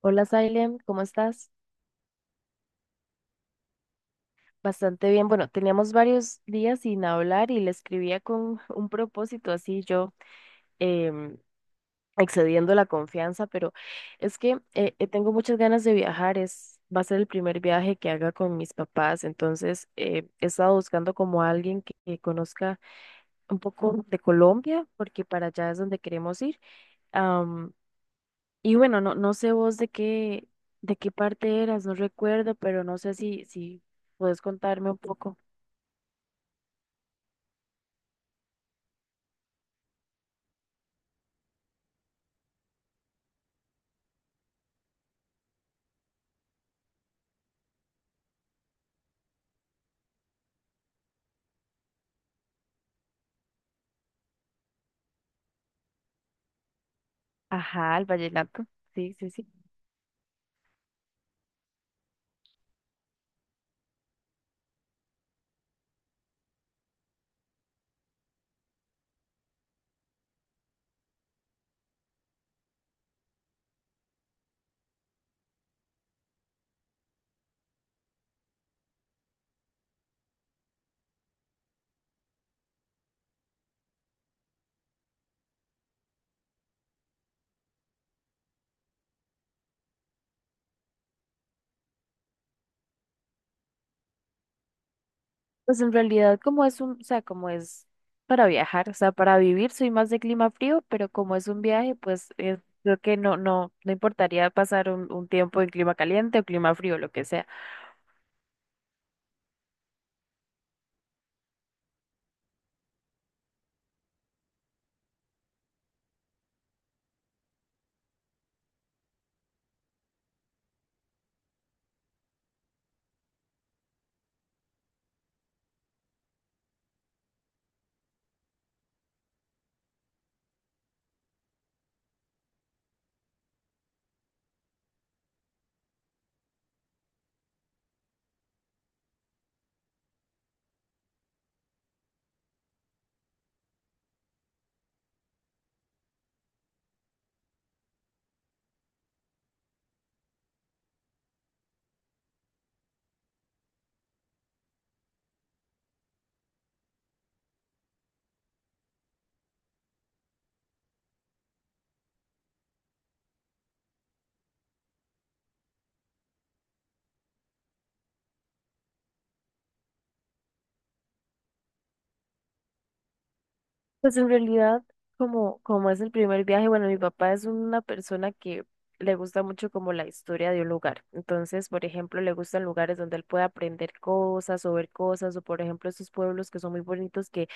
Hola, Sailem, ¿cómo estás? Bastante bien. Bueno, teníamos varios días sin hablar y le escribía con un propósito así yo em, excediendo la confianza, pero es que tengo muchas ganas de viajar. Es, va a ser el primer viaje que haga con mis papás, entonces he estado buscando como a alguien que conozca un poco de Colombia, porque para allá es donde queremos ir. Y bueno, no sé vos de qué parte eras, no recuerdo, pero no sé si, si puedes contarme un poco. Ajá, el vallenato. Sí, sí, sí. Pues en realidad como es un, o sea, como es para viajar, o sea, para vivir soy más de clima frío, pero como es un viaje, pues creo que no, no, no importaría pasar un tiempo en clima caliente o clima frío, lo que sea. Pues en realidad, como es el primer viaje, bueno, mi papá es una persona que le gusta mucho como la historia de un lugar. Entonces, por ejemplo, le gustan lugares donde él puede aprender cosas o ver cosas, o por ejemplo, esos pueblos que son muy bonitos que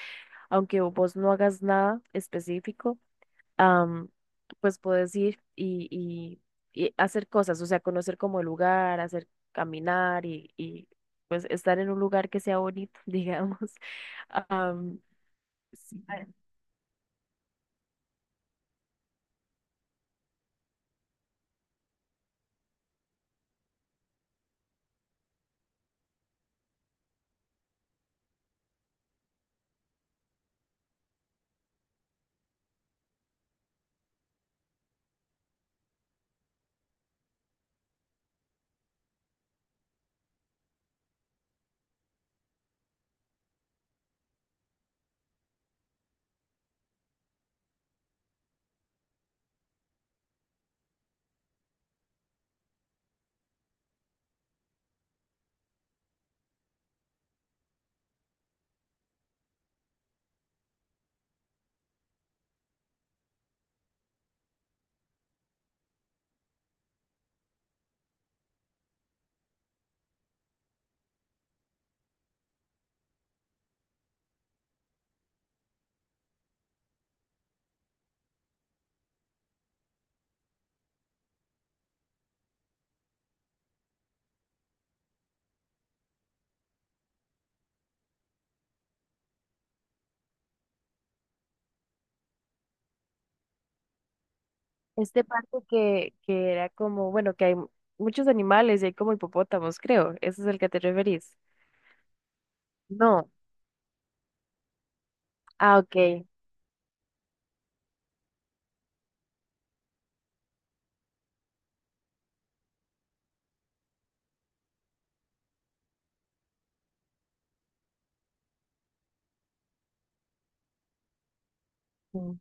aunque vos no hagas nada específico, am, pues puedes ir y, y hacer cosas, o sea, conocer como el lugar, hacer caminar y pues estar en un lugar que sea bonito, digamos. Am, Sí. Este parque que era como, bueno, que hay muchos animales y hay como hipopótamos, creo. ¿Ese es el que te referís? No. Ah, ok. Mm.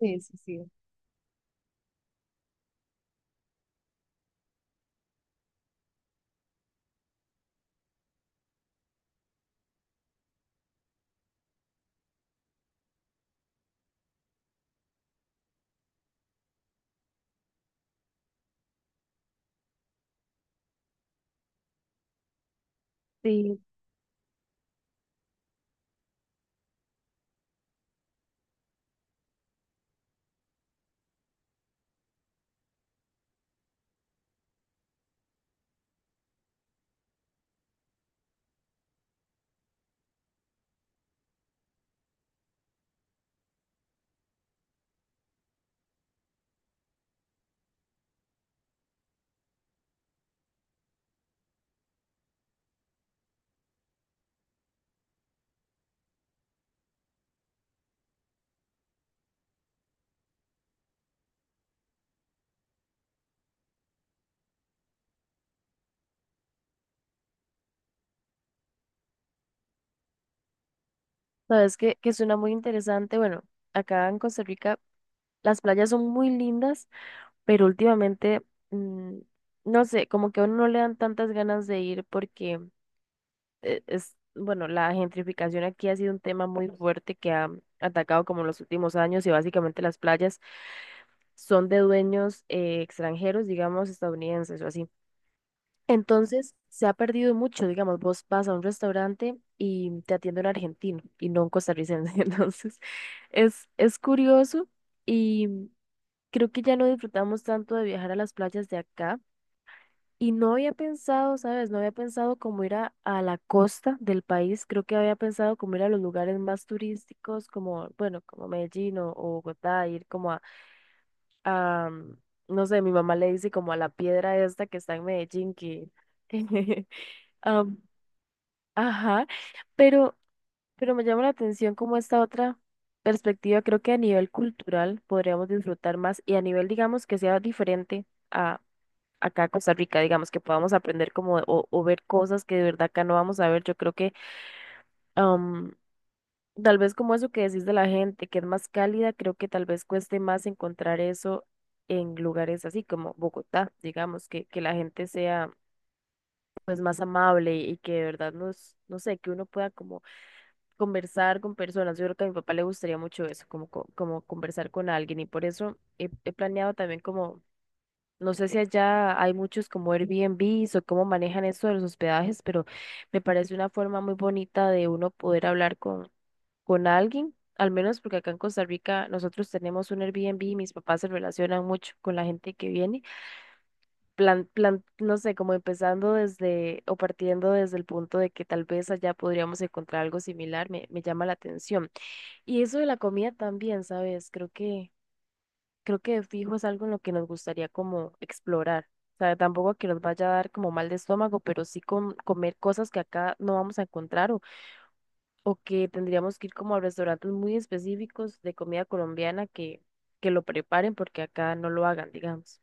Sí, sí, sí. Sí, sabes que suena muy interesante. Bueno, acá en Costa Rica las playas son muy lindas, pero últimamente, mm, no sé, como que a uno no le dan tantas ganas de ir porque es, bueno, la gentrificación aquí ha sido un tema muy fuerte que ha atacado como en los últimos años y básicamente las playas. Son de dueños extranjeros, digamos, estadounidenses o así. Entonces, se ha perdido mucho, digamos, vos vas a un restaurante y te atiende un argentino y no un costarricense. Entonces, es curioso y creo que ya no disfrutamos tanto de viajar a las playas de acá. Y no había pensado, ¿sabes? No había pensado como ir a la costa del país. Creo que había pensado como ir a los lugares más turísticos, como, bueno, como Medellín o Bogotá, ir como a am, no sé, mi mamá le dice como a la piedra esta que está en Medellín que... am, ajá, pero, pero me llama la atención como esta otra perspectiva, creo que a nivel cultural podríamos disfrutar más y a nivel, digamos, que sea diferente a acá a Costa Rica, digamos, que podamos aprender como o ver cosas que de verdad acá no vamos a ver. Yo creo que... Tal vez como eso que decís de la gente, que es más cálida, creo que tal vez cueste más encontrar eso en lugares así como Bogotá, digamos, que la gente sea pues más amable y que de verdad nos, no sé, que uno pueda como conversar con personas. Yo creo que a mi papá le gustaría mucho eso, como, como conversar con alguien y por eso he planeado también como, no sé si allá hay muchos como Airbnbs o cómo manejan eso de los hospedajes, pero me parece una forma muy bonita de uno poder hablar con alguien, al menos porque acá en Costa Rica nosotros tenemos un Airbnb y mis papás se relacionan mucho con la gente que viene, plan, plan, no sé, como empezando desde o partiendo desde el punto de que tal vez allá podríamos encontrar algo similar, me llama la atención. Y eso de la comida también, ¿sabes? Creo que de fijo es algo en lo que nos gustaría como explorar. O sea, tampoco que nos vaya a dar como mal de estómago, pero sí comer cosas que acá no vamos a encontrar o que tendríamos que ir como a restaurantes muy específicos de comida colombiana que lo preparen porque acá no lo hagan, digamos.